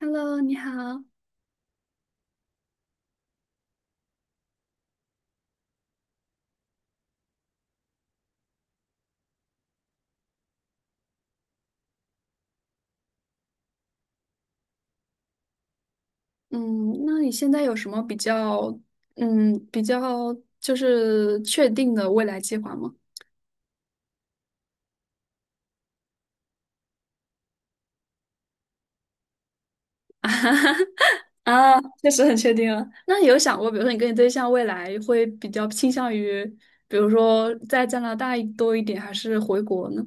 Hello，你好。嗯，那你现在有什么比较就是确定的未来计划吗？啊，确实很确定啊。那你有想过，比如说你跟你对象未来会比较倾向于，比如说在加拿大多一点，还是回国呢？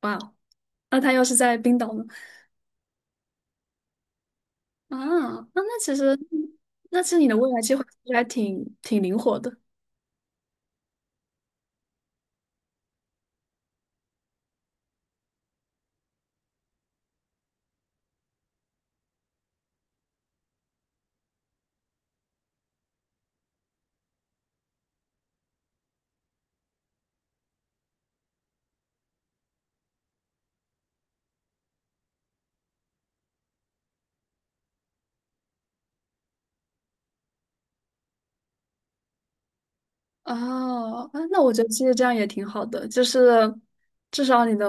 哇哦，那他要是在冰岛呢？啊，那那其实，那其实你的未来计划其实还挺灵活的。哦，啊，那我觉得其实这样也挺好的，就是至少你的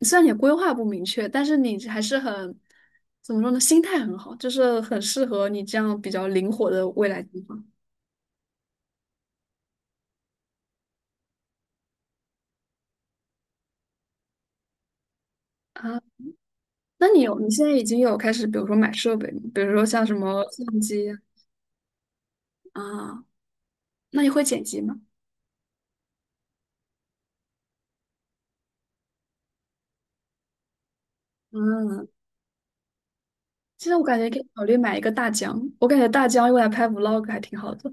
虽然你规划不明确，但是你还是很怎么说呢，心态很好，就是很适合你这样比较灵活的未来计划。啊，那你现在已经有开始，比如说买设备吗？比如说像什么相机。啊，那你会剪辑吗？嗯，其实我感觉可以考虑买一个大疆，我感觉大疆用来拍 vlog 还挺好的。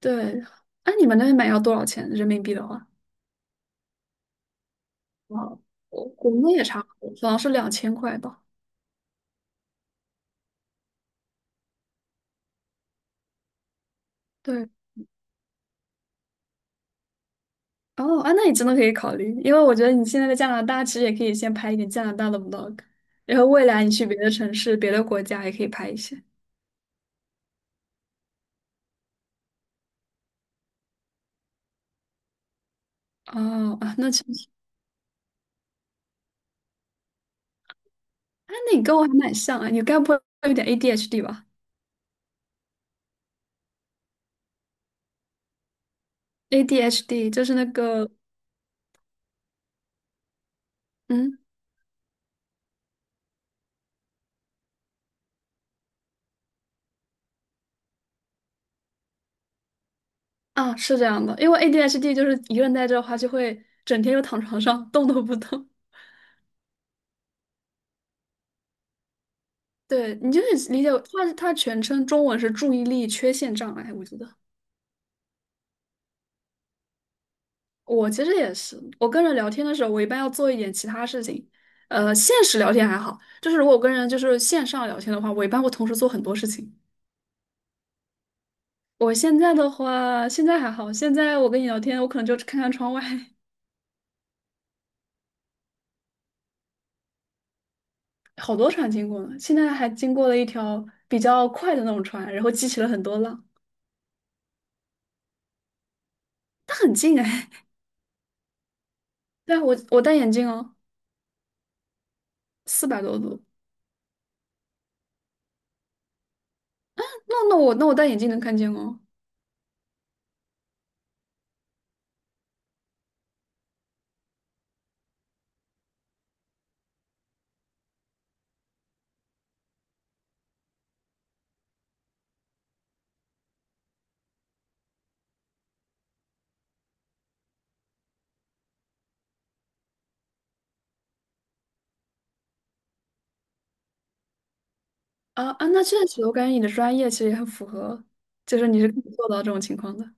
对，哎、你们那边买要多少钱人民币的话？我国内也差不多，好像是两千块吧。对，哦，啊，那你真的可以考虑，因为我觉得你现在在加拿大，其实也可以先拍一点加拿大的 vlog，然后未来你去别的城市、别的国家也可以拍一些。哦，啊，那其实，啊，那你跟我还蛮像啊，你该不会有点 ADHD 吧？ADHD 就是那个，嗯，啊，是这样的，因为 ADHD 就是一个人待着的话，就会整天就躺床上动都不动。对，你就是理解为，它全称中文是注意力缺陷障碍，我觉得。我其实也是，我跟人聊天的时候，我一般要做一点其他事情。现实聊天还好，就是如果我跟人就是线上聊天的话，我一般会同时做很多事情。我现在的话，现在还好，现在我跟你聊天，我可能就看看窗外。好多船经过呢。现在还经过了一条比较快的那种船，然后激起了很多浪，它很近哎。对啊，我戴眼镜哦，四百多度。那我戴眼镜能看见哦。啊啊，那确实，我感觉你的专业其实也很符合，就是你是可以做到这种情况的。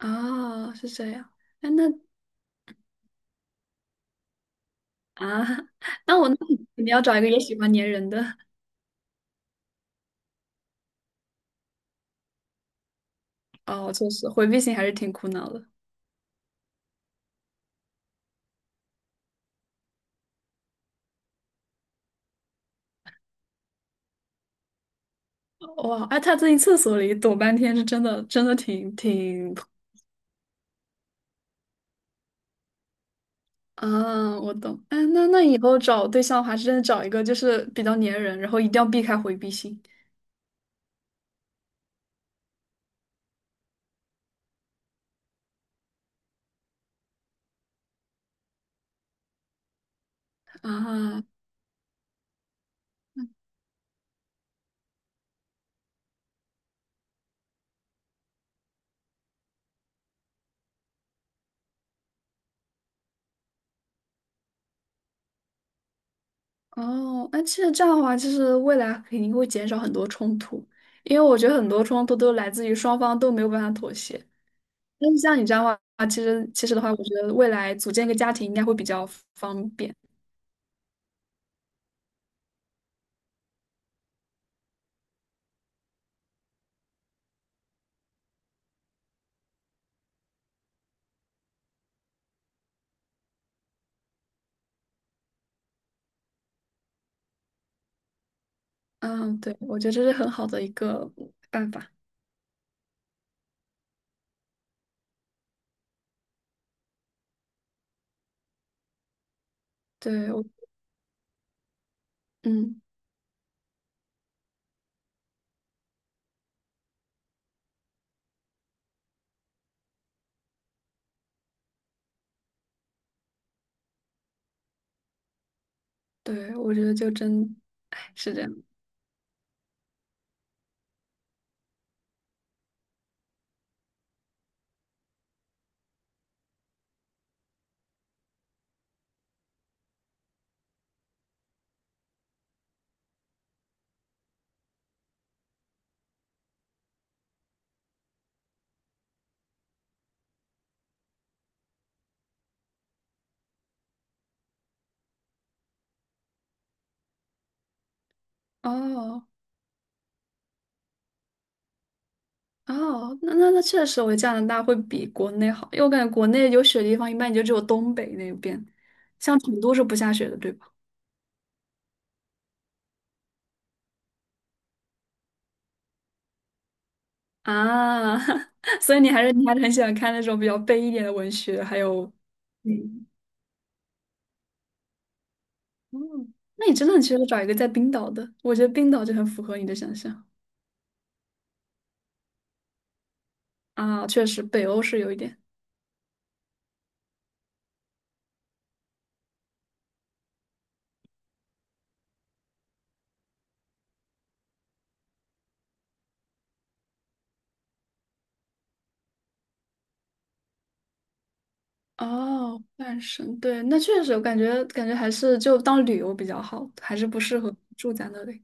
哦，是这样。哎，那啊，那你要找一个也喜欢粘人的。哦，确实回避型还是挺苦恼的。哇，哎，他在厕所里躲半天，真的挺。啊，我懂。哎，那那以后找对象的话，真的找一个就是比较粘人，然后一定要避开回避型。啊。哦，那其实这样的话，就是未来肯定会减少很多冲突，因为我觉得很多冲突都来自于双方都没有办法妥协。但是像你这样的话，其实的话，我觉得未来组建一个家庭应该会比较方便。嗯，对，我觉得这是很好的一个办法。对，我，嗯，对，我觉得就真，哎，是这样。哦，哦，那确实，我觉得加拿大会比国内好，因为我感觉国内有雪的地方一般也就只有东北那边，像成都是不下雪的，对吧？啊，所以你还是很喜欢看那种比较悲一点的文学，还有，嗯，嗯，那你真的很适合找一个在冰岛的，我觉得冰岛就很符合你的想象。啊，确实北欧是有一点。哦，半神，对，那确实，我感觉还是就当旅游比较好，还是不适合住在那里。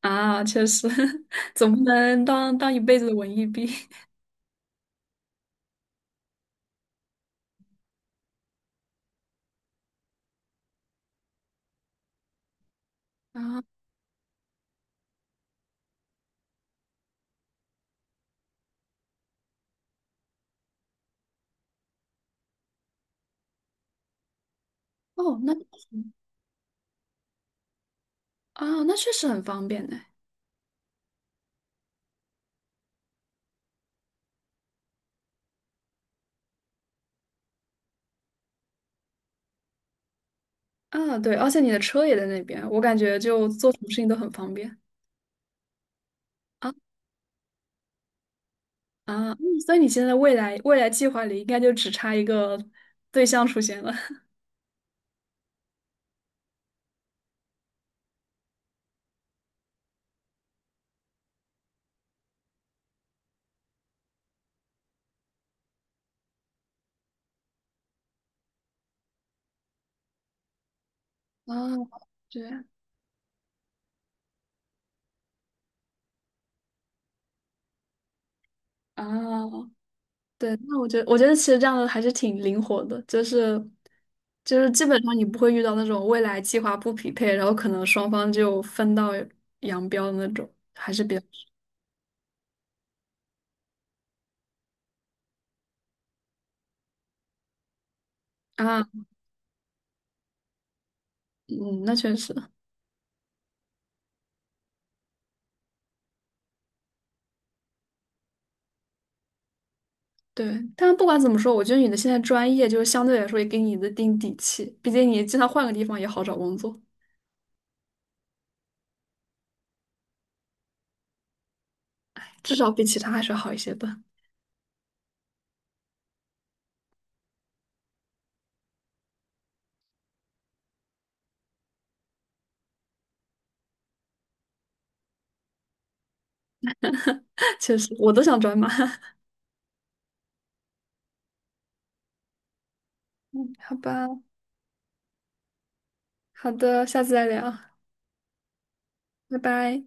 啊，确实，总不能当一辈子的文艺兵。啊。哦，那啊，那确实很方便呢。啊，对，而且你的车也在那边，我感觉就做什么事情都很方便。啊啊，嗯所以你现在未来计划里应该就只差一个对象出现了。哦，对，样啊，对，那我觉得，我觉得其实这样的还是挺灵活的，就是基本上你不会遇到那种未来计划不匹配，然后可能双方就分道扬镳的那种，还是比较。啊，嗯，那确实对。但不管怎么说，我觉得你的现在专业就是相对来说也给你的定底气，毕竟你经常换个地方也好找工作，至少比其他还是好一些的。确实，我都想转码。好吧，好的，下次再聊，拜拜。